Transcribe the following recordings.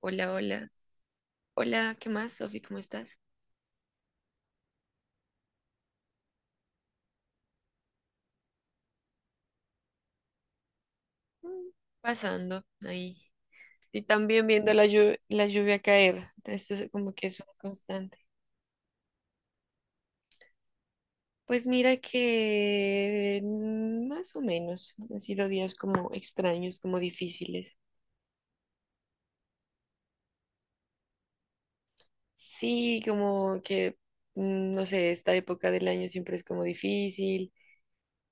Hola, hola. Hola, ¿qué más, Sofi? ¿Cómo estás? Mm, Pasando ahí. Y también viendo la lluvia caer. Esto es como que es un constante. Pues mira que más o menos han sido días como extraños, como difíciles. Sí, como que, no sé, esta época del año siempre es como difícil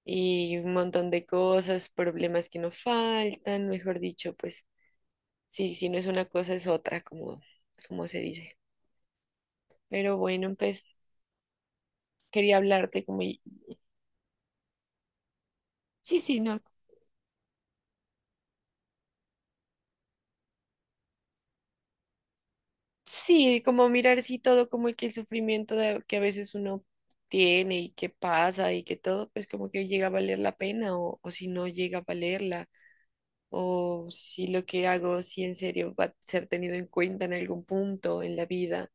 y un montón de cosas, problemas que no faltan, mejor dicho, pues sí, si no es una cosa es otra, como, como se dice. Pero bueno, pues quería hablarte como, sí, sí, no, sí, como mirar sí todo, como que el que a veces uno tiene y que pasa y que todo, pues como que llega a valer la pena o si no llega a valerla o si lo que hago, si en serio va a ser tenido en cuenta en algún punto en la vida.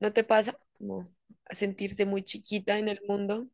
¿No te pasa como a sentirte muy chiquita en el mundo?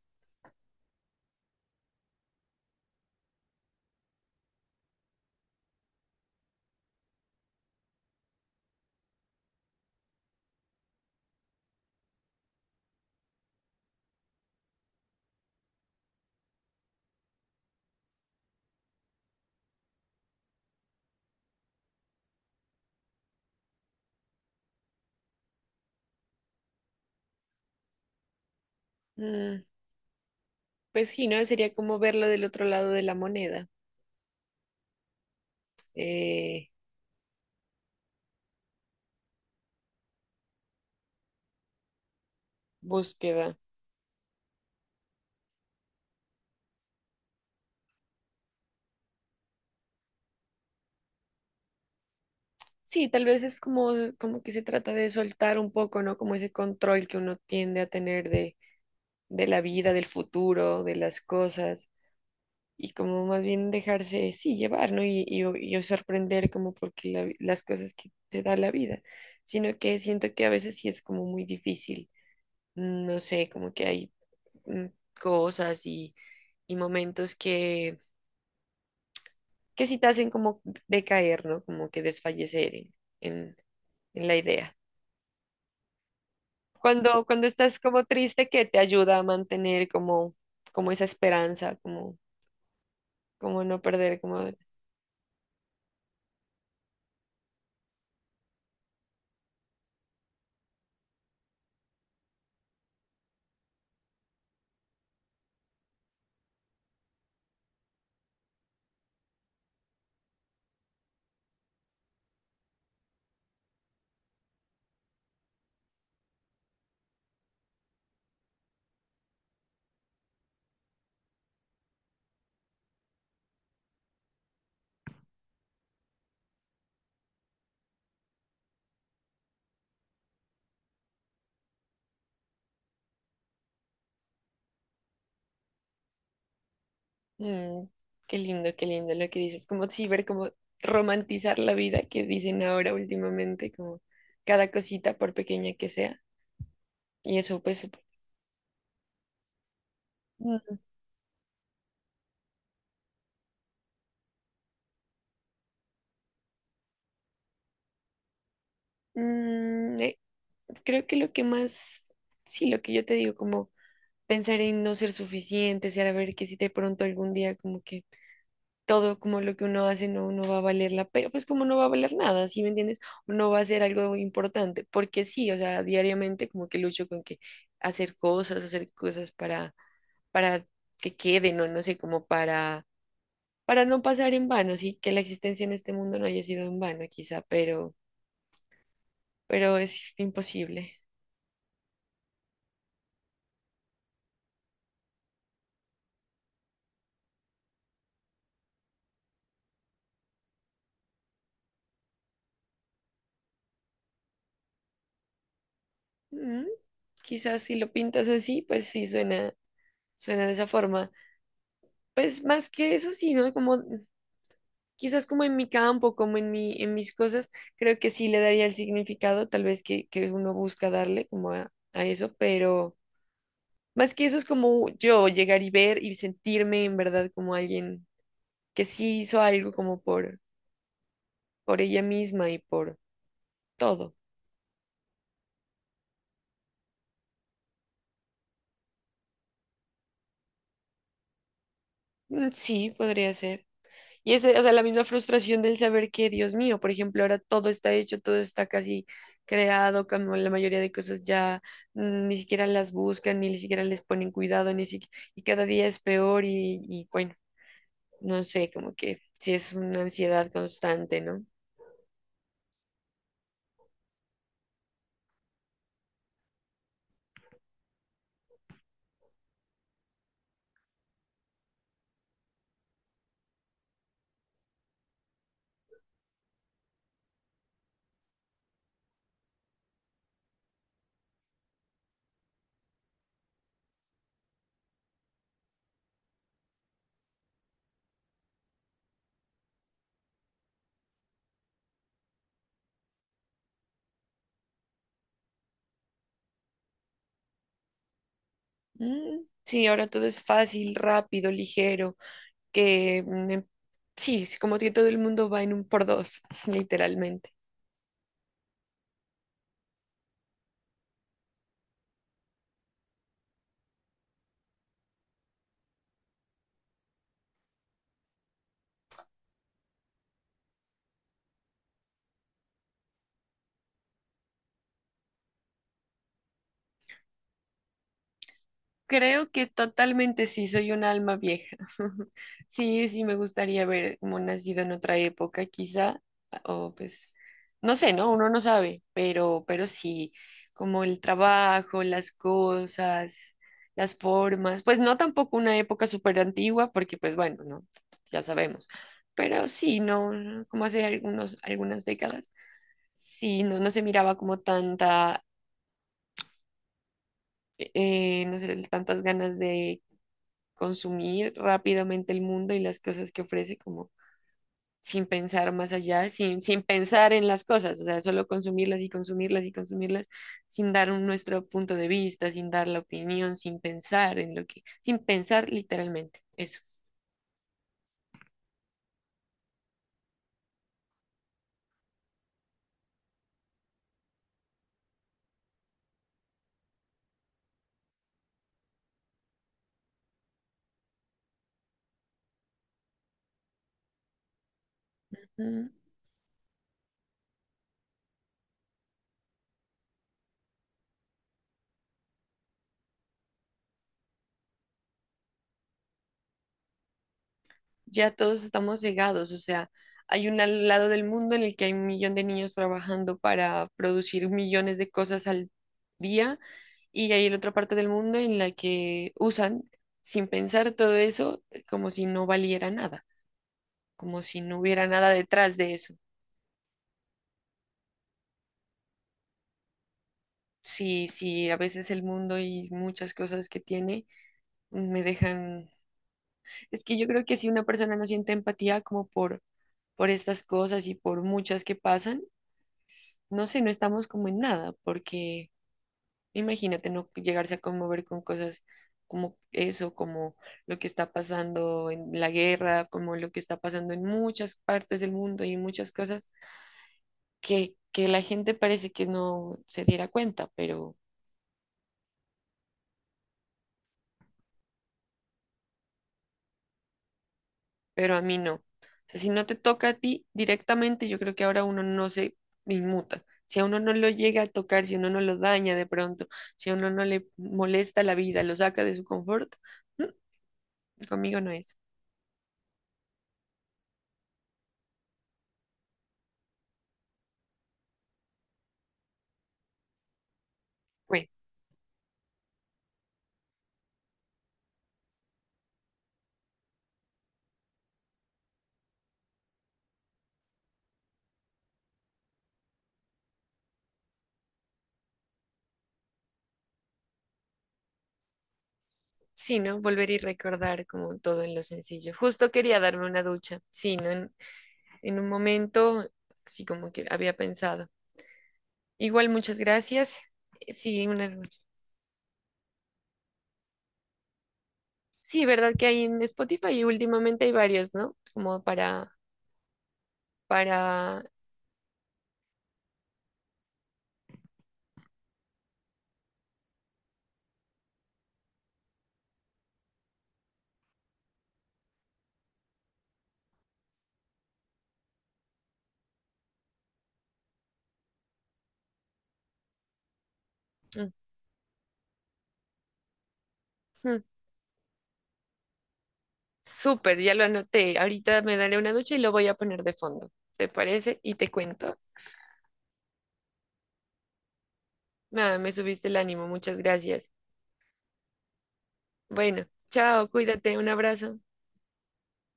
Mm, pues sí, ¿no? Sería como verlo del otro lado de la moneda. Eh, Búsqueda. Sí, tal vez es como, como que se trata de soltar un poco, ¿no? Como ese control que uno tiende a tener de la vida, del futuro, de las cosas, y como más bien dejarse, sí, llevar, ¿no? Y sorprender como porque las cosas que te da la vida, sino que siento que a veces sí es como muy difícil, no sé, como que hay mm, cosas y momentos que sí te hacen como decaer, ¿no? Como que desfallecer en, en en la idea. Cuando estás como triste, que te ayuda a mantener como, como esa esperanza, como, como no perder, como, mm, qué lindo lo que dices, como sí, ver como romantizar la vida que dicen ahora últimamente, como cada cosita por pequeña que sea. Y eso pues, mm, mm, eh, creo que lo que más, sí, lo que yo te digo, como pensar en no ser suficiente, a ver que si de pronto algún día como que todo como lo que uno hace no, no va a valer la pena, pues como no va a valer nada, ¿sí me entiendes? O no va a ser algo importante, porque sí, o sea, diariamente como que lucho con que hacer cosas para que queden, o no sé, como para no pasar en vano, sí, que la existencia en este mundo no haya sido en vano quizá, pero es imposible. Mm, Quizás si lo pintas así, pues sí suena, suena de esa forma. Pues más que eso sí, ¿no? Como quizás como en mi campo, como en mi, en mis cosas, creo que sí le daría el significado, tal vez que uno busca darle como a eso, pero más que eso es como yo llegar y ver y sentirme en verdad como alguien que sí hizo algo como por ella misma y por todo. Mm, sí, podría ser. Y ese, o sea, la misma frustración del saber que, Dios mío, por ejemplo, ahora todo está hecho, todo está casi creado, como la mayoría de cosas ya ni siquiera las buscan, ni siquiera les ponen cuidado, ni siquiera, y cada día es peor y bueno, no sé, como que sí es una ansiedad constante, ¿no? Mm, sí, ahora todo es fácil, rápido, ligero, que sí, es como que todo el mundo va en un por dos, literalmente. Creo que totalmente sí, soy un alma vieja. Sí, sí, me gustaría haber como nacido en otra época, quizá, o pues, no sé, ¿no? Uno no sabe, pero sí, como el trabajo, las cosas, las formas, pues no tampoco una época súper antigua, porque pues bueno, no, ya sabemos, pero sí, no, como hace algunos, algunas décadas. Sí, no, no se miraba como tanta, no sé, tantas ganas de consumir rápidamente el mundo y las cosas que ofrece, como sin pensar más allá, sin pensar en las cosas, o sea, solo consumirlas y consumirlas y consumirlas sin dar nuestro punto de vista, sin dar la opinión, sin pensar en lo que, sin pensar literalmente, eso. Mm. Ya todos estamos cegados, o sea, hay un lado del mundo en el que hay un millón de niños trabajando para producir millones de cosas al día y hay la otra parte del mundo en la que usan sin pensar todo eso como si no valiera nada, como si no hubiera nada detrás de eso. Sí, sí, a veces el mundo y muchas cosas que tiene me dejan... Es que yo creo que si una persona no siente empatía como por estas cosas y por muchas que pasan, no sé, no estamos como en nada, porque imagínate no llegarse a conmover con cosas como eso, como lo que está pasando en la guerra, como lo que está pasando en muchas partes del mundo y muchas cosas que la gente parece que no se diera cuenta, pero a mí no. O sea, si no te toca a ti directamente, yo creo que ahora uno no se inmuta. Si a uno no lo llega a tocar, si a uno no lo daña de pronto, si a uno no le molesta la vida, lo saca de su confort, mm, conmigo no es. Bueno, sí, ¿no? Volver y recordar como todo en lo sencillo. Justo quería darme una ducha, sí, ¿no? En un momento, sí, como que había pensado. Igual, muchas gracias. Sí, una, sí, verdad que hay en Spotify y últimamente hay varios, ¿no? Como para, para, ujú. Súper, ya lo anoté. Ahorita me daré una ducha y lo voy a poner de fondo. ¿Te parece? Y te cuento. Nada, me subiste el ánimo, muchas gracias. Bueno, chao, cuídate, un abrazo.